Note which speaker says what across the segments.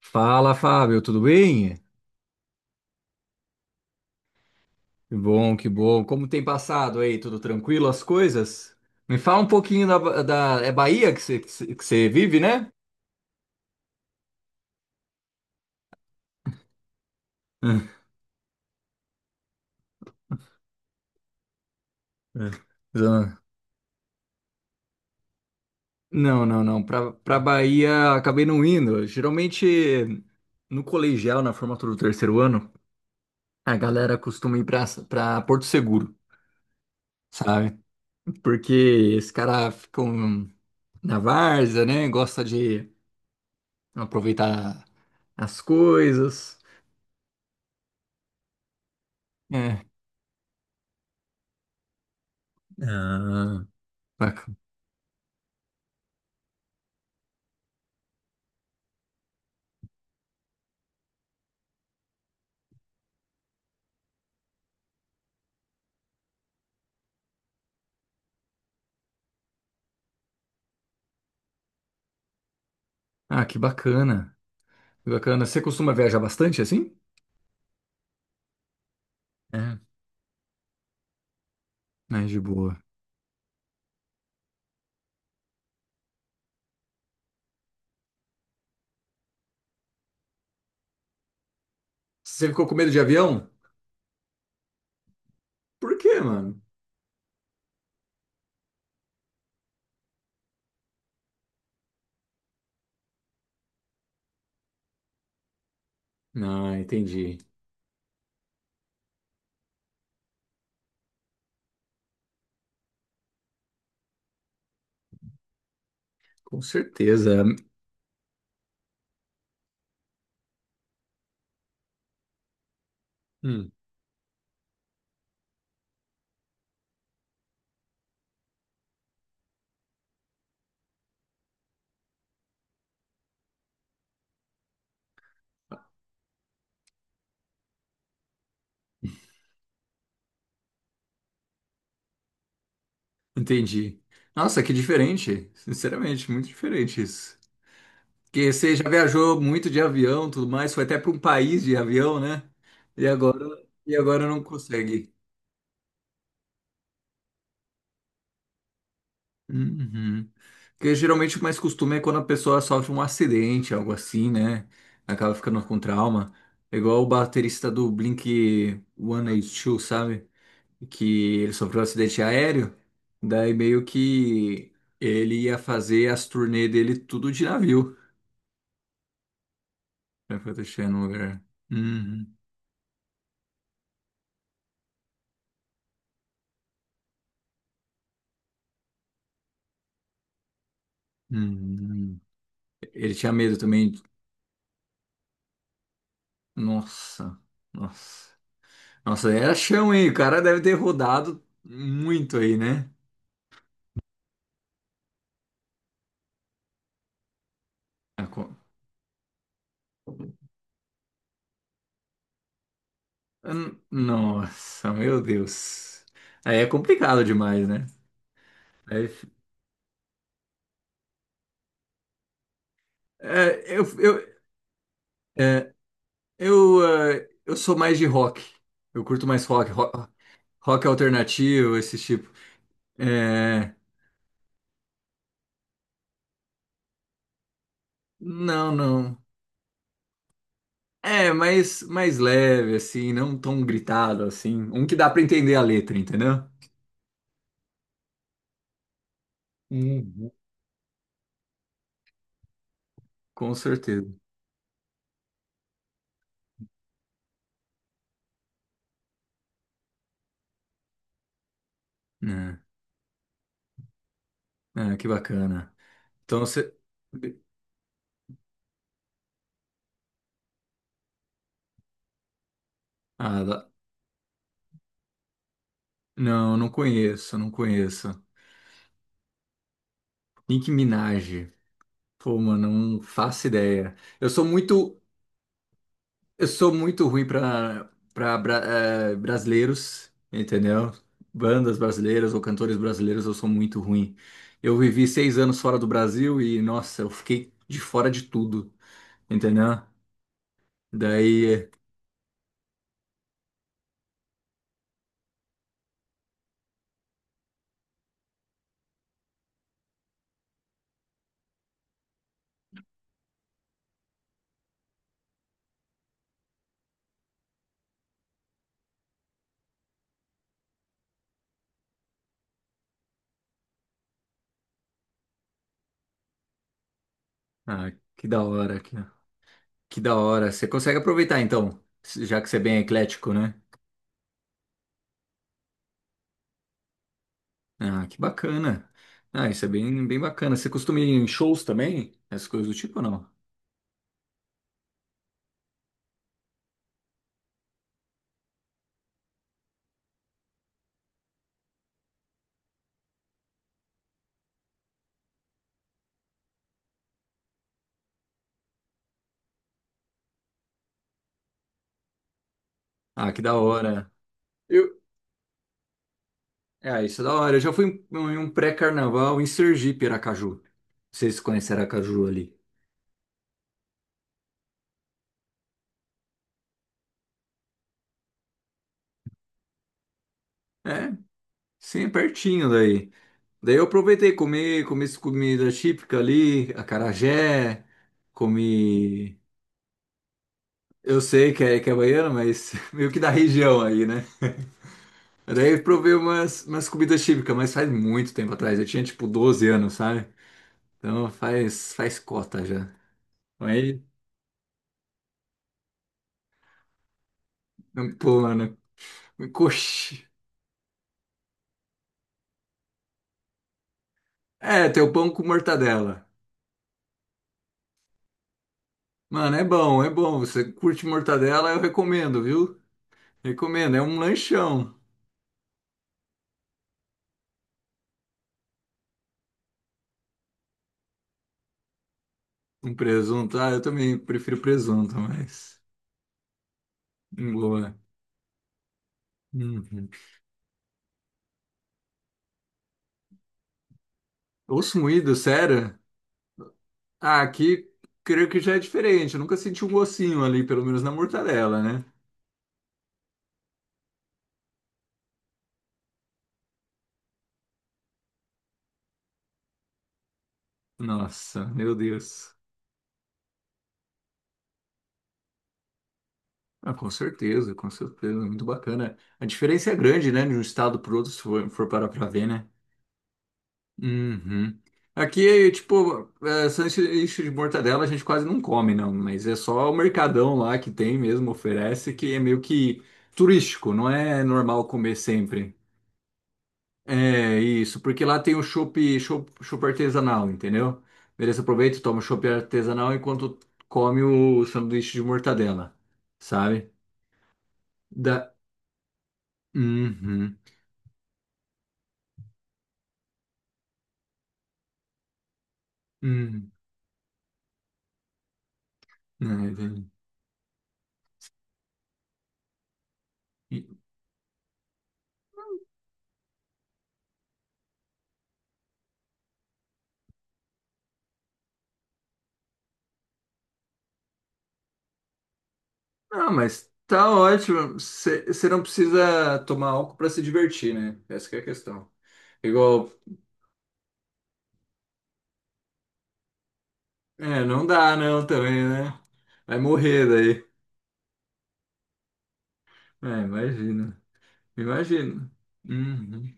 Speaker 1: Fala, Fábio, tudo bem? Que bom, que bom. Como tem passado aí? Tudo tranquilo as coisas? Me fala um pouquinho é Bahia que você vive, né? É. Não, não, não. Pra Bahia acabei não indo. Geralmente no colegial, na formatura do terceiro ano, a galera costuma ir pra Porto Seguro, sabe? Porque esses caras ficam na várzea, né? Gosta de aproveitar as coisas. Ah, Bac- Ah, que bacana. Que bacana. Você costuma viajar bastante assim? É. Mas de boa. Você ficou com medo de avião? Por quê, mano? Ah, entendi. Com certeza. Hum, entendi. Nossa, que diferente. Sinceramente, muito diferente isso. Porque você já viajou muito de avião, tudo mais, foi até para um país de avião, né? E agora, e agora não consegue. Uhum. Porque geralmente o mais costume é quando a pessoa sofre um acidente, algo assim, né? Acaba ficando com trauma. É igual o baterista do Blink 182, sabe? Que ele sofreu um acidente aéreo. Daí meio que ele ia fazer as turnê dele tudo de navio. Né? Pra proteger no lugar. Uhum. Uhum. Ele tinha medo também. Nossa, nossa. Nossa, era chão, hein? O cara deve ter rodado muito aí, né? Nossa, meu Deus. Aí é complicado demais, né? Aí, é, eu, eu, é, eu, eu sou mais de rock. Eu curto mais rock, rock, alternativo, esse tipo. É, não, não. É, mais leve, assim, não tão gritado, assim. Um que dá pra entender a letra, entendeu? Uhum. Com certeza. É, é, que bacana. Então você. Ah, não, não conheço, não conheço. Nicki Minaj. Pô, mano, não faço ideia. Eu sou muito ruim pra brasileiros, entendeu? Bandas brasileiras ou cantores brasileiros, eu sou muito ruim. Eu vivi 6 anos fora do Brasil e, nossa, eu fiquei de fora de tudo, entendeu? Daí, ah, que da hora, que da hora. Você consegue aproveitar, então, já que você é bem eclético, né? Ah, que bacana. Ah, isso é bem, bem bacana. Você costuma ir em shows também? Essas coisas do tipo ou não? Ah, que da hora. Eu... É, isso é da hora. Eu já fui em um pré-carnaval em Sergipe, Aracaju. Vocês conhecem Aracaju ali? É, sim, é pertinho daí. Daí eu aproveitei, comi essa comida típica ali, acarajé, comi. Eu sei que é baiano, mas meio que da região aí, né? Daí eu provei umas comidas típicas, mas faz muito tempo atrás. Eu tinha tipo 12 anos, sabe? Então faz cota já. Aí, pô, mano, coxa. É, tem o pão com mortadela. Mano, é bom, é bom. Você curte mortadela, eu recomendo, viu? Recomendo. É um lanchão. Um presunto. Ah, eu também prefiro presunto, mas. Boa. Uhum. Osso moído, sério? Ah, aqui creio que já é diferente. Eu nunca senti um gocinho ali, pelo menos na mortadela, né? Nossa, meu Deus. Ah, com certeza, com certeza. Muito bacana. A diferença é grande, né? De um estado para outro, se for parar pra ver, né? Uhum. Aqui, tipo, sanduíche de mortadela a gente quase não come, não, mas é só o mercadão lá que tem mesmo, oferece, que é meio que turístico, não é normal comer sempre. É isso, porque lá tem o chopp artesanal, entendeu? Beleza, aproveita, toma o chopp artesanal enquanto come o sanduíche de mortadela, sabe? Da... Uhum. Uhum. É, entendi. Não, mas tá ótimo. Você não precisa tomar álcool pra se divertir, né? Essa que é a questão. Igual, não dá não também, né? Vai morrer daí. É, imagina. Imagina. Uhum.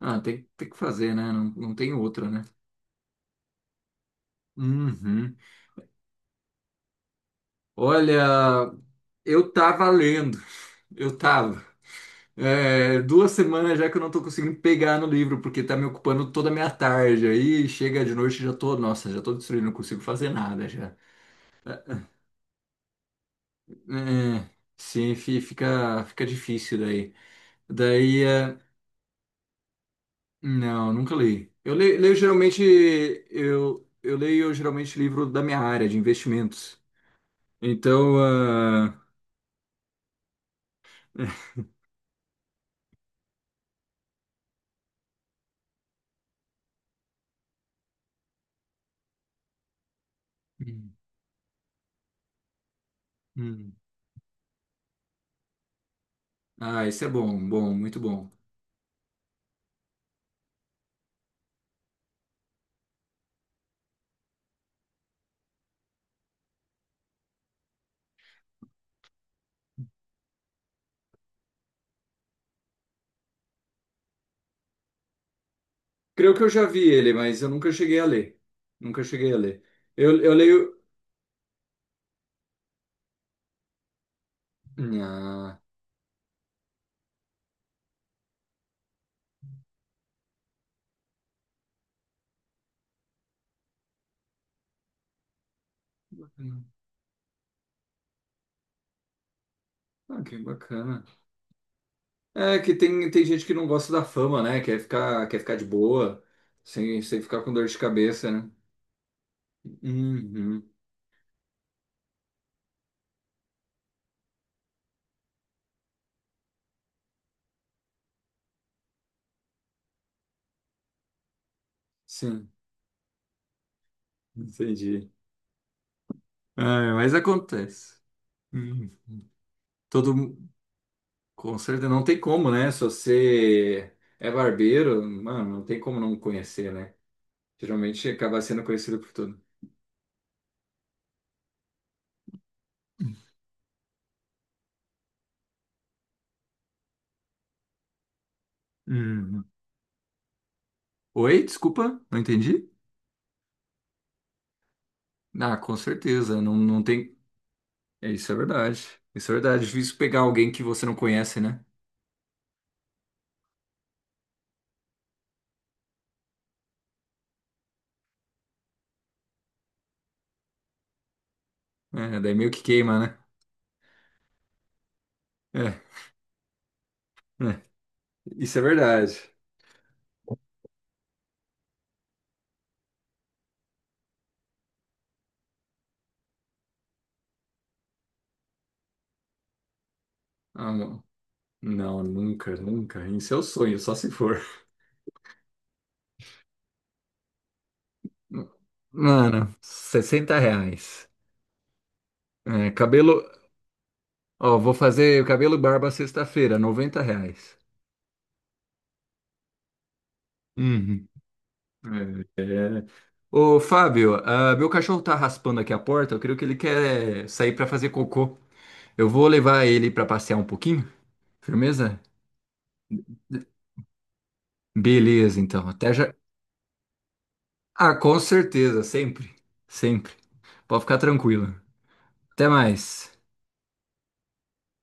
Speaker 1: Ah, tem que fazer, né? Não, não tem outra, né? Uhum. Olha, eu tava lendo. Eu tava. É, 2 semanas já que eu não tô conseguindo pegar no livro, porque tá me ocupando toda a minha tarde. Aí chega de noite já tô, nossa, já tô destruído, não consigo fazer nada já. É, sim, fica difícil daí. Daí, não, nunca li. Eu leio geralmente livro da minha área, de investimentos. Então, ah, Hum, hum. Ah, esse é bom, bom, muito bom. Creio que eu já vi ele, mas eu nunca cheguei a ler. Nunca cheguei a ler. Eu leio. Ah, ah, que bacana. É que tem gente que não gosta da fama, né? Quer ficar de boa, sem ficar com dor de cabeça, né? Uhum, sim, entendi. Ah, mas acontece. Uhum. Todo, com certeza, não tem como, né? Se você é barbeiro, mano, não tem como não conhecer, né? Geralmente acaba sendo conhecido por tudo. Uhum. Oi, desculpa, não entendi? Ah, com certeza, não, não tem. É, isso é verdade. Isso é verdade. É difícil pegar alguém que você não conhece, né? É, daí meio que queima, né? É, é. Isso é verdade. Ah, não. Não, nunca, nunca. Isso é o sonho, só se for. Mano, R$ 60. É, cabelo. Ó, vou fazer cabelo e barba sexta-feira, R$ 90. Uhum. É, é. Ô, Fábio, ah, meu cachorro tá raspando aqui a porta. Eu creio que ele quer sair pra fazer cocô. Eu vou levar ele pra passear um pouquinho. Firmeza? Beleza, então. Até já. Ah, com certeza, sempre. Sempre. Pode ficar tranquilo. Até mais.